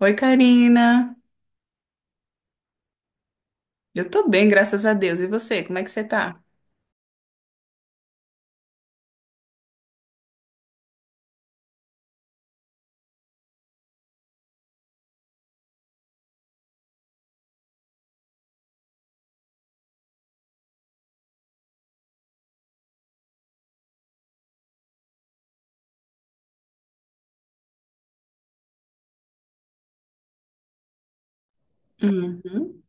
Oi, Karina. Eu tô bem, graças a Deus. E você, como é que você tá? Uhum.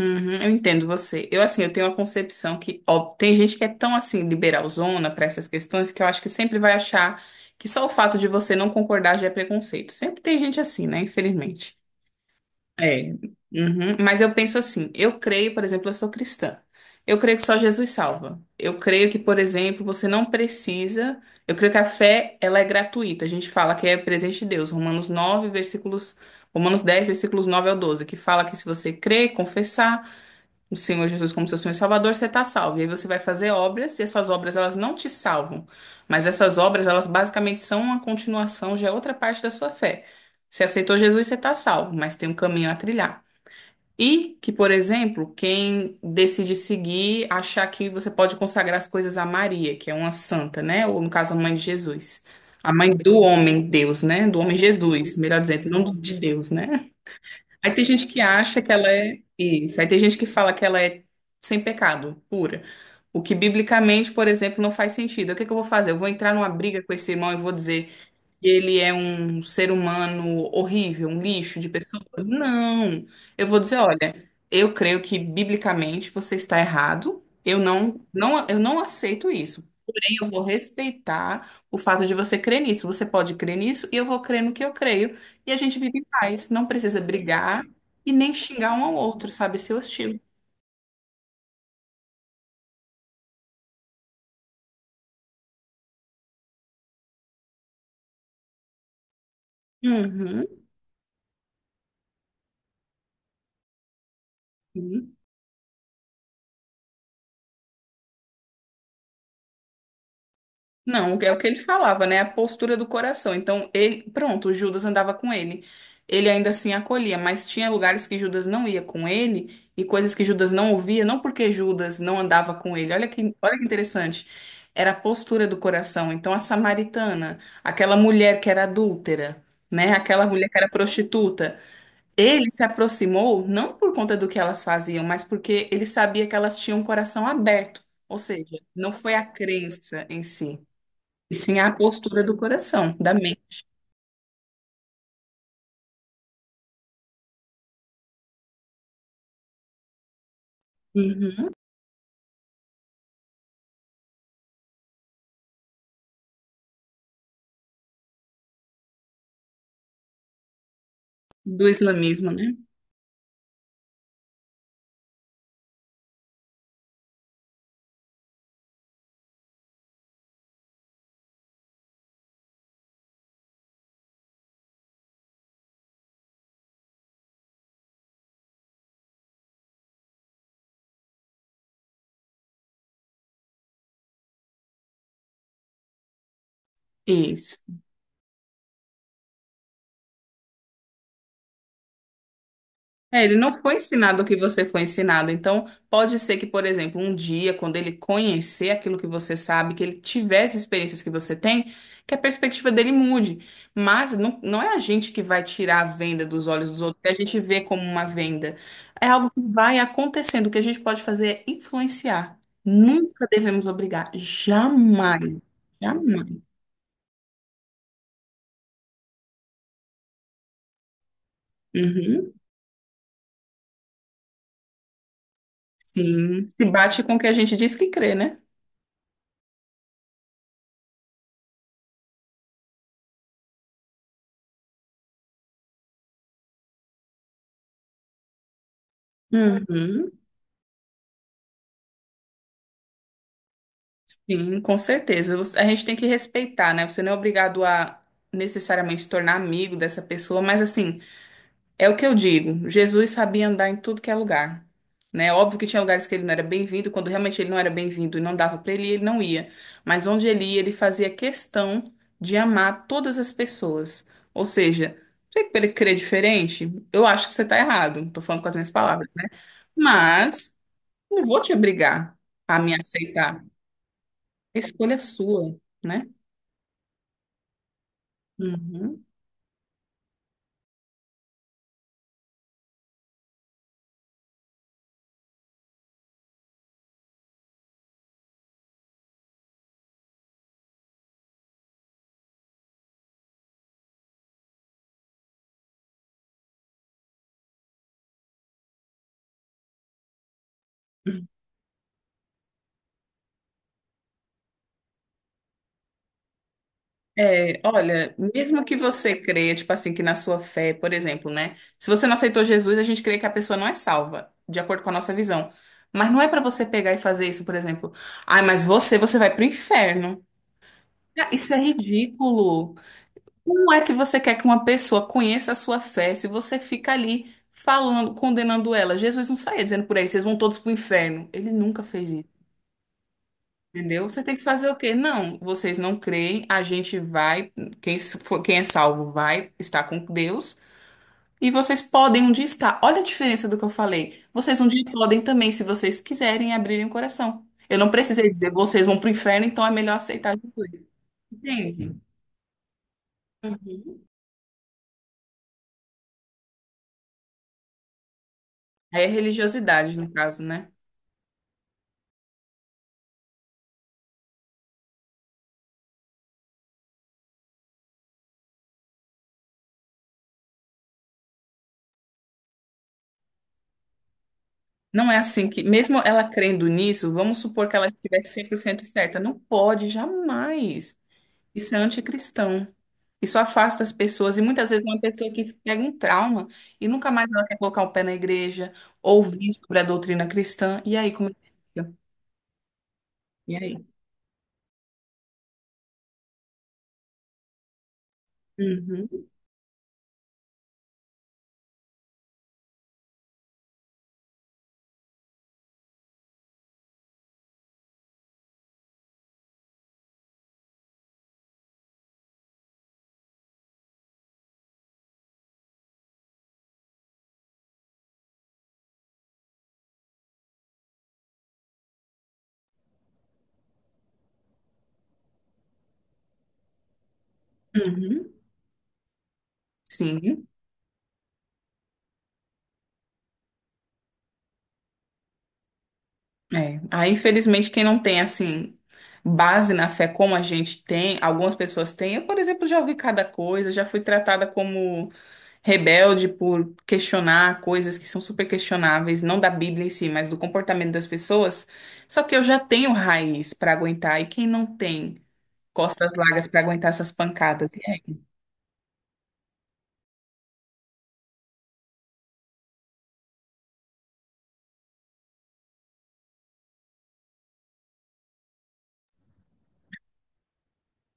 Uhum, eu entendo você. Eu, assim, eu tenho uma concepção que, ó, tem gente que é tão, assim, liberalzona pra essas questões que eu acho que sempre vai achar que só o fato de você não concordar já é preconceito. Sempre tem gente assim, né? Infelizmente. É, uhum. Mas eu penso assim, eu creio, por exemplo, eu sou cristã. Eu creio que só Jesus salva. Eu creio que, por exemplo, você não precisa. Eu creio que a fé, ela é gratuita. A gente fala que é presente de Deus. Romanos 9 versículos. Romanos 10 versículos 9 ao 12 que fala que se você crer, confessar o Senhor Jesus como seu Senhor e Salvador, você está salvo. E aí você vai fazer obras, e essas obras elas não te salvam, mas essas obras elas basicamente são uma continuação, já é outra parte da sua fé. Você aceitou Jesus, você está salvo, mas tem um caminho a trilhar. E que, por exemplo, quem decide seguir, achar que você pode consagrar as coisas a Maria, que é uma santa, né? Ou no caso, a mãe de Jesus. A mãe do homem Deus, né? Do homem Jesus, melhor dizendo, não de Deus, né? Aí tem gente que acha que ela é isso. Aí tem gente que fala que ela é sem pecado, pura. O que biblicamente, por exemplo, não faz sentido. O que que eu vou fazer? Eu vou entrar numa briga com esse irmão e vou dizer e ele é um ser humano horrível, um lixo de pessoa? Não. Eu vou dizer, olha, eu creio que biblicamente você está errado. Eu eu não aceito isso. Porém, eu vou respeitar o fato de você crer nisso. Você pode crer nisso e eu vou crer no que eu creio. E a gente vive em paz. Não precisa brigar e nem xingar um ao outro, sabe? Ser hostil. Uhum. Não, é o que ele falava, né? A postura do coração. Então, ele, pronto, Judas andava com ele. Ele ainda assim acolhia, mas tinha lugares que Judas não ia com ele e coisas que Judas não ouvia, não porque Judas não andava com ele. Olha que interessante. Era a postura do coração. Então, a samaritana, aquela mulher que era adúltera, né? Aquela mulher que era prostituta, ele se aproximou não por conta do que elas faziam, mas porque ele sabia que elas tinham um coração aberto. Ou seja, não foi a crença em si. E sim a postura do coração, da mente. Uhum. Do islamismo, né? Isso. É, ele não foi ensinado o que você foi ensinado. Então, pode ser que, por exemplo, um dia, quando ele conhecer aquilo que você sabe, que ele tivesse experiências que você tem, que a perspectiva dele mude. Mas não é a gente que vai tirar a venda dos olhos dos outros, que a gente vê como uma venda. É algo que vai acontecendo. O que a gente pode fazer é influenciar. Nunca devemos obrigar. Jamais. Jamais. Uhum. Sim, se bate com o que a gente diz que crê, né? Uhum. Sim, com certeza. Você- A gente tem que respeitar, né? Você não é obrigado a necessariamente se tornar amigo dessa pessoa, mas assim, é o que eu digo. Jesus sabia andar em tudo que é lugar, né? Óbvio que tinha lugares que ele não era bem-vindo, quando realmente ele não era bem-vindo e não dava pra ele ir, ele não ia. Mas onde ele ia, ele fazia questão de amar todas as pessoas. Ou seja, você querer crer diferente, eu acho que você tá errado. Tô falando com as minhas palavras, né? Mas não vou te obrigar a me aceitar. A escolha é sua, né? Uhum. É, olha, mesmo que você creia, tipo assim, que na sua fé, por exemplo, né? Se você não aceitou Jesus, a gente crê que a pessoa não é salva, de acordo com a nossa visão. Mas não é pra você pegar e fazer isso, por exemplo. Ai, mas você, você vai pro inferno. Ah, isso é ridículo. Como é que você quer que uma pessoa conheça a sua fé se você fica ali falando, condenando ela? Jesus não saía dizendo por aí, vocês vão todos pro inferno. Ele nunca fez isso. Entendeu? Você tem que fazer o quê? Não, vocês não creem, a gente vai, quem, quem é salvo vai estar com Deus e vocês podem um dia estar. Olha a diferença do que eu falei. Vocês um dia podem também, se vocês quiserem, abrirem o coração. Eu não precisei dizer, vocês vão pro inferno, então é melhor aceitar Jesus. Entende? Aí é religiosidade, no caso, né? Não é assim que, mesmo ela crendo nisso, vamos supor que ela estivesse 100% certa. Não pode, jamais. Isso é anticristão. Isso afasta as pessoas. E muitas vezes é uma pessoa que pega um trauma e nunca mais ela quer colocar o pé na igreja, ouvir sobre a doutrina cristã. E aí, como é que fica? E aí? Uhum, uhum. Sim. É. Aí, infelizmente, quem não tem, assim, base na fé como a gente tem, algumas pessoas têm. Eu, por exemplo, já ouvi cada coisa, já fui tratada como rebelde por questionar coisas que são super questionáveis, não da Bíblia em si, mas do comportamento das pessoas. Só que eu já tenho raiz para aguentar, e quem não tem costas largas para aguentar essas pancadas? E aí?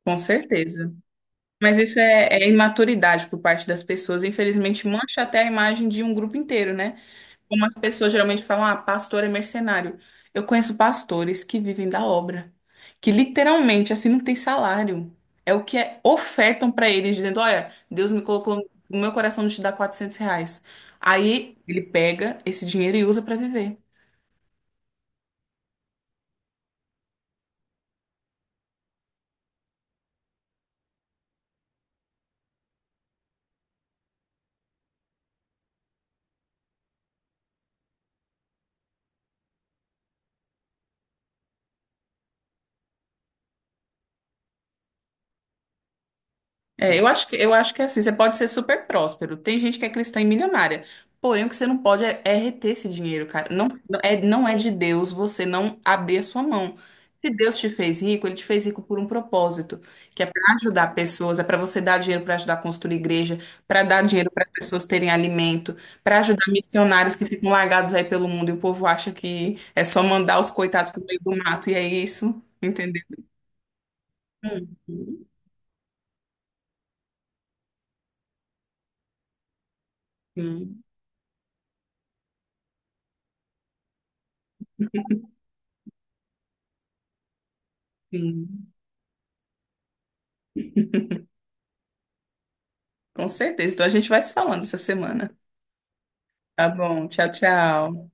Com certeza. Mas isso é, é imaturidade por parte das pessoas, infelizmente mancha até a imagem de um grupo inteiro, né? Como as pessoas geralmente falam, ah, pastor é mercenário. Eu conheço pastores que vivem da obra, que literalmente assim não tem salário. É o que é, ofertam para eles, dizendo: olha, Deus me colocou no meu coração de te dar R$ 400. Aí ele pega esse dinheiro e usa para viver. É, eu acho que é assim, você pode ser super próspero. Tem gente que é cristã e milionária. Porém, o que você não pode é, é reter esse dinheiro, cara. Não, não é, não é de Deus você não abrir a sua mão. Se Deus te fez rico, ele te fez rico por um propósito, que é para ajudar pessoas, é para você dar dinheiro para ajudar a construir igreja, para dar dinheiro para as pessoas terem alimento, para ajudar missionários que ficam largados aí pelo mundo e o povo acha que é só mandar os coitados pro meio do mato e é isso, entendeu? Hum. Sim, sim. Com certeza. Então a gente vai se falando essa semana. Tá bom. Tchau, tchau.